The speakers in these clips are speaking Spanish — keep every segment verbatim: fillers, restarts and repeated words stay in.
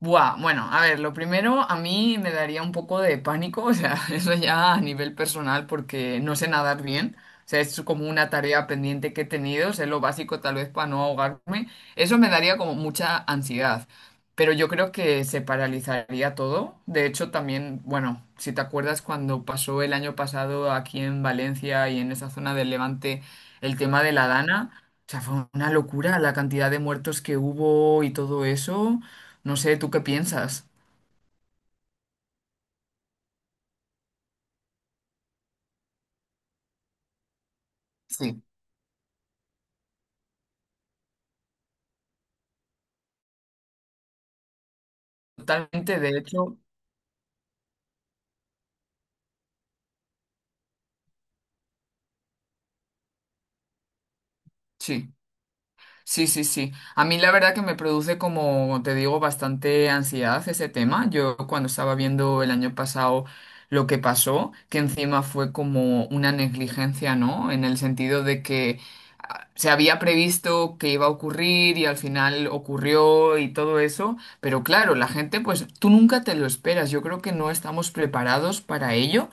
Buah, bueno, a ver, lo primero a mí me daría un poco de pánico, o sea, eso ya a nivel personal porque no sé nadar bien, o sea, es como una tarea pendiente que he tenido, sé lo básico tal vez para no ahogarme, eso me daría como mucha ansiedad, pero yo creo que se paralizaría todo, de hecho también, bueno, si te acuerdas cuando pasó el año pasado aquí en Valencia y en esa zona del Levante el tema de la Dana, o sea, fue una locura la cantidad de muertos que hubo y todo eso. No sé, ¿tú qué piensas? Sí. Totalmente, de hecho, sí, sí, sí, sí. A mí la verdad que me produce, como te digo, bastante ansiedad ese tema. Yo cuando estaba viendo el año pasado lo que pasó, que encima fue como una negligencia, ¿no? En el sentido de que ah, se había previsto que iba a ocurrir y al final ocurrió y todo eso, pero claro, la gente, pues tú nunca te lo esperas. Yo creo que no estamos preparados para ello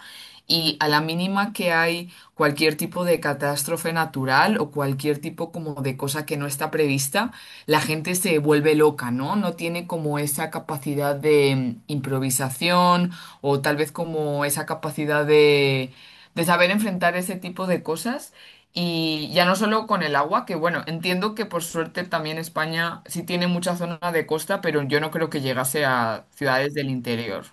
y a la mínima que hay cualquier tipo de catástrofe natural o cualquier tipo como de cosa que no está prevista, la gente se vuelve loca, ¿no? No tiene como esa capacidad de mm, improvisación o tal vez como esa capacidad de, de saber enfrentar ese tipo de cosas. Y ya no solo con el agua, que bueno, entiendo que por suerte también España sí tiene mucha zona de costa, pero yo no creo que llegase a ciudades del interior.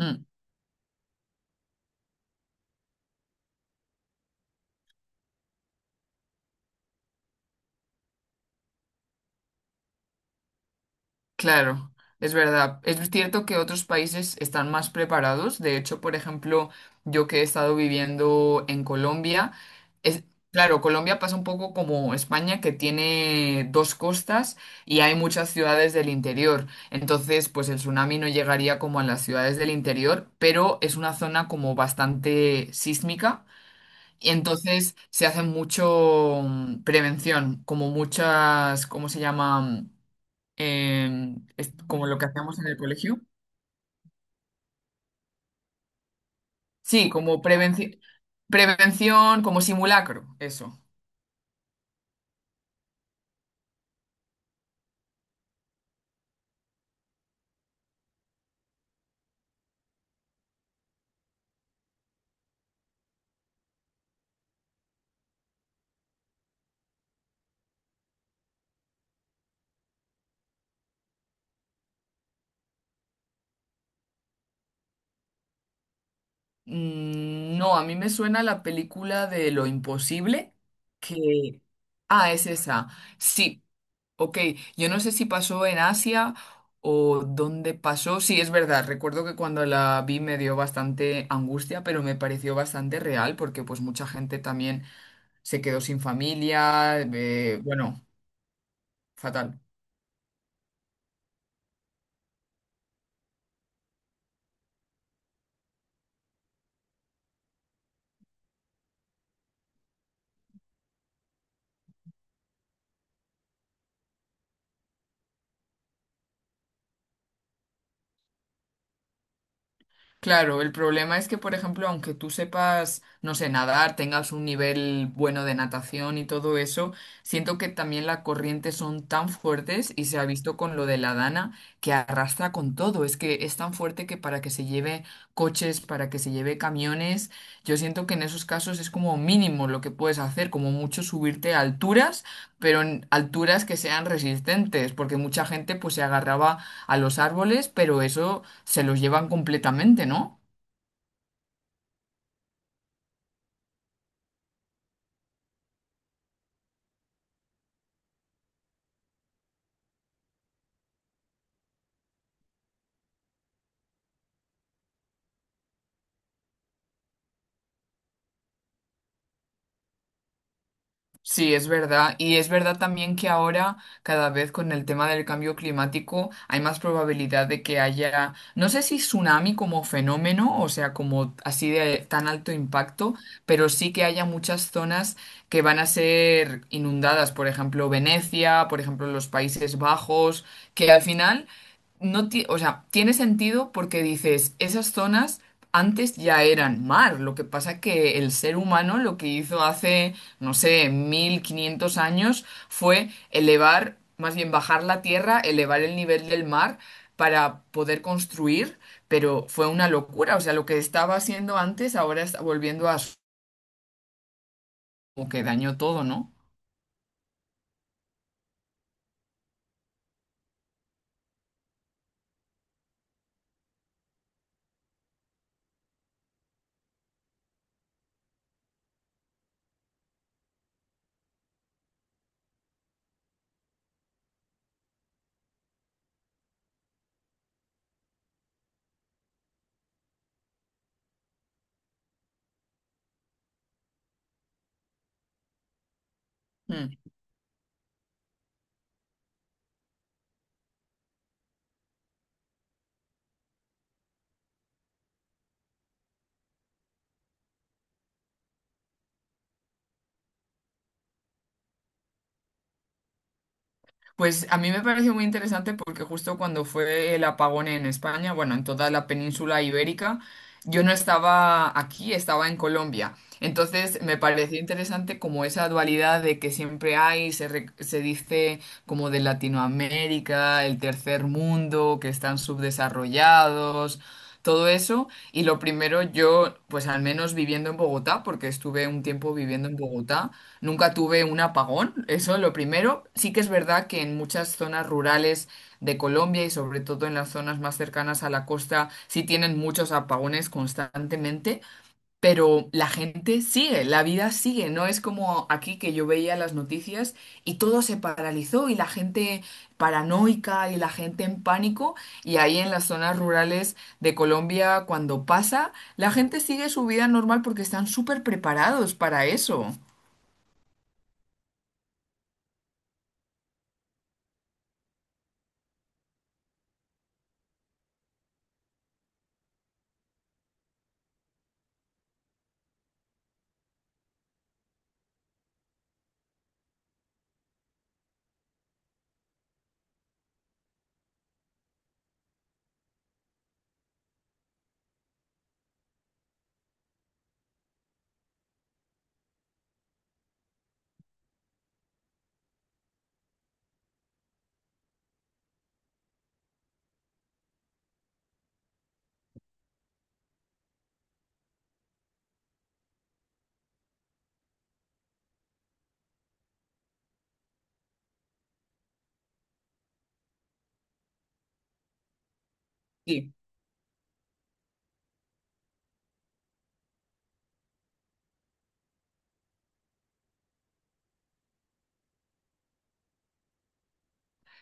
Mm. Claro, es verdad. Es cierto que otros países están más preparados. De hecho, por ejemplo, yo que he estado viviendo en Colombia, es, claro, Colombia pasa un poco como España, que tiene dos costas y hay muchas ciudades del interior. Entonces, pues el tsunami no llegaría como a las ciudades del interior, pero es una zona como bastante sísmica. Y entonces se hace mucho mm, prevención, como muchas, ¿cómo se llama? Eh, es como lo que hacíamos en el colegio. Sí, como prevenci- prevención, como simulacro, eso. Mm, no, a mí me suena la película de Lo Imposible, que... Ah, es esa. Sí, ok. Yo no sé si pasó en Asia o dónde pasó. Sí, es verdad. Recuerdo que cuando la vi me dio bastante angustia, pero me pareció bastante real porque pues mucha gente también se quedó sin familia. eh, bueno, fatal. Claro, el problema es que, por ejemplo, aunque tú sepas, no sé, nadar, tengas un nivel bueno de natación y todo eso, siento que también las corrientes son tan fuertes y se ha visto con lo de la Dana que arrastra con todo. Es que es tan fuerte que para que se lleve coches, para que se lleve camiones, yo siento que en esos casos es como mínimo lo que puedes hacer, como mucho subirte a alturas, pero en alturas que sean resistentes, porque mucha gente pues se agarraba a los árboles, pero eso se los llevan completamente, ¿no? Sí, es verdad. Y es verdad también que ahora, cada vez con el tema del cambio climático, hay más probabilidad de que haya, no sé si tsunami como fenómeno, o sea, como así de tan alto impacto, pero sí que haya muchas zonas que van a ser inundadas, por ejemplo, Venecia, por ejemplo, los Países Bajos, que al final no ti- o sea, tiene sentido porque dices, esas zonas antes ya eran mar, lo que pasa que el ser humano lo que hizo hace, no sé, mil quinientos años fue elevar, más bien bajar la tierra, elevar el nivel del mar para poder construir, pero fue una locura, o sea, lo que estaba haciendo antes ahora está volviendo a su, como que dañó todo, ¿no? Pues a mí me pareció muy interesante porque justo cuando fue el apagón en España, bueno, en toda la península ibérica, yo no estaba aquí, estaba en Colombia. Entonces me pareció interesante como esa dualidad de que siempre hay, se, re- se dice como de Latinoamérica, el tercer mundo, que están subdesarrollados, todo eso. Y lo primero, yo, pues al menos viviendo en Bogotá, porque estuve un tiempo viviendo en Bogotá, nunca tuve un apagón, eso es lo primero. Sí que es verdad que en muchas zonas rurales de Colombia y sobre todo en las zonas más cercanas a la costa, sí tienen muchos apagones constantemente. Pero la gente sigue, la vida sigue, no es como aquí que yo veía las noticias y todo se paralizó y la gente paranoica y la gente en pánico y ahí en las zonas rurales de Colombia cuando pasa, la gente sigue su vida normal porque están súper preparados para eso. Sí.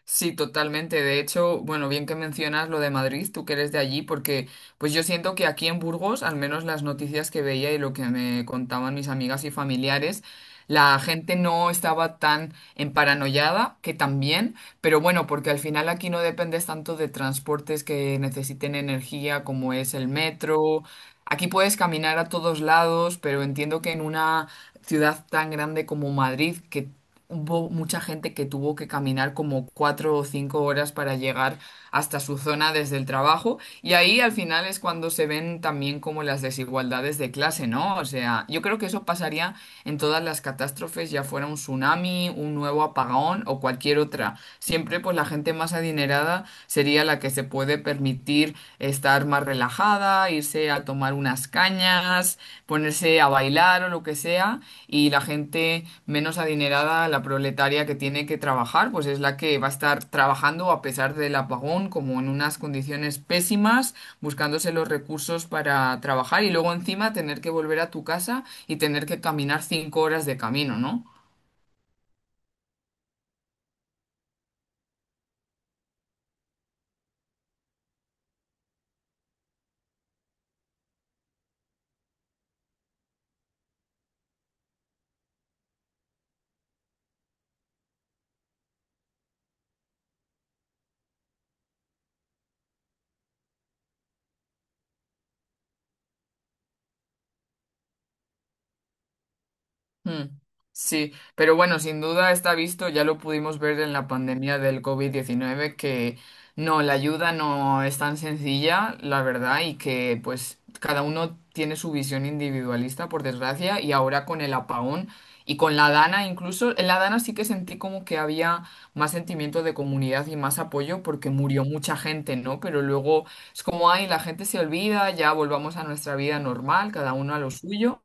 Sí, totalmente. De hecho, bueno, bien que mencionas lo de Madrid, tú que eres de allí, porque pues yo siento que aquí en Burgos, al menos las noticias que veía y lo que me contaban mis amigas y familiares, la gente no estaba tan emparanoiada, que también, pero bueno, porque al final aquí no dependes tanto de transportes que necesiten energía como es el metro. Aquí puedes caminar a todos lados, pero entiendo que en una ciudad tan grande como Madrid, que hubo mucha gente que tuvo que caminar como cuatro o cinco horas para llegar hasta su zona desde el trabajo. Y ahí al final es cuando se ven también como las desigualdades de clase, ¿no? O sea, yo creo que eso pasaría en todas las catástrofes, ya fuera un tsunami, un nuevo apagón o cualquier otra. Siempre pues la gente más adinerada sería la que se puede permitir estar más relajada, irse a tomar unas cañas, ponerse a bailar o lo que sea, y la gente menos adinerada, la proletaria que tiene que trabajar, pues es la que va a estar trabajando a pesar del apagón, como en unas condiciones pésimas, buscándose los recursos para trabajar y luego encima tener que volver a tu casa y tener que caminar cinco horas de camino, ¿no? Mm, sí, pero bueno, sin duda está visto, ya lo pudimos ver en la pandemia del covid diecinueve que no, la ayuda no es tan sencilla, la verdad, y que pues cada uno tiene su visión individualista, por desgracia, y ahora con el apagón y con la Dana incluso, en la Dana sí que sentí como que había más sentimiento de comunidad y más apoyo porque murió mucha gente, ¿no? Pero luego es como, ay, la gente se olvida, ya volvamos a nuestra vida normal, cada uno a lo suyo.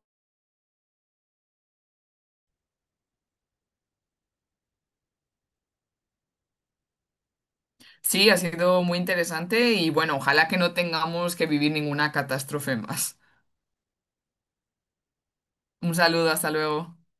Sí, ha sido muy interesante y bueno, ojalá que no tengamos que vivir ninguna catástrofe más. Un saludo, hasta luego.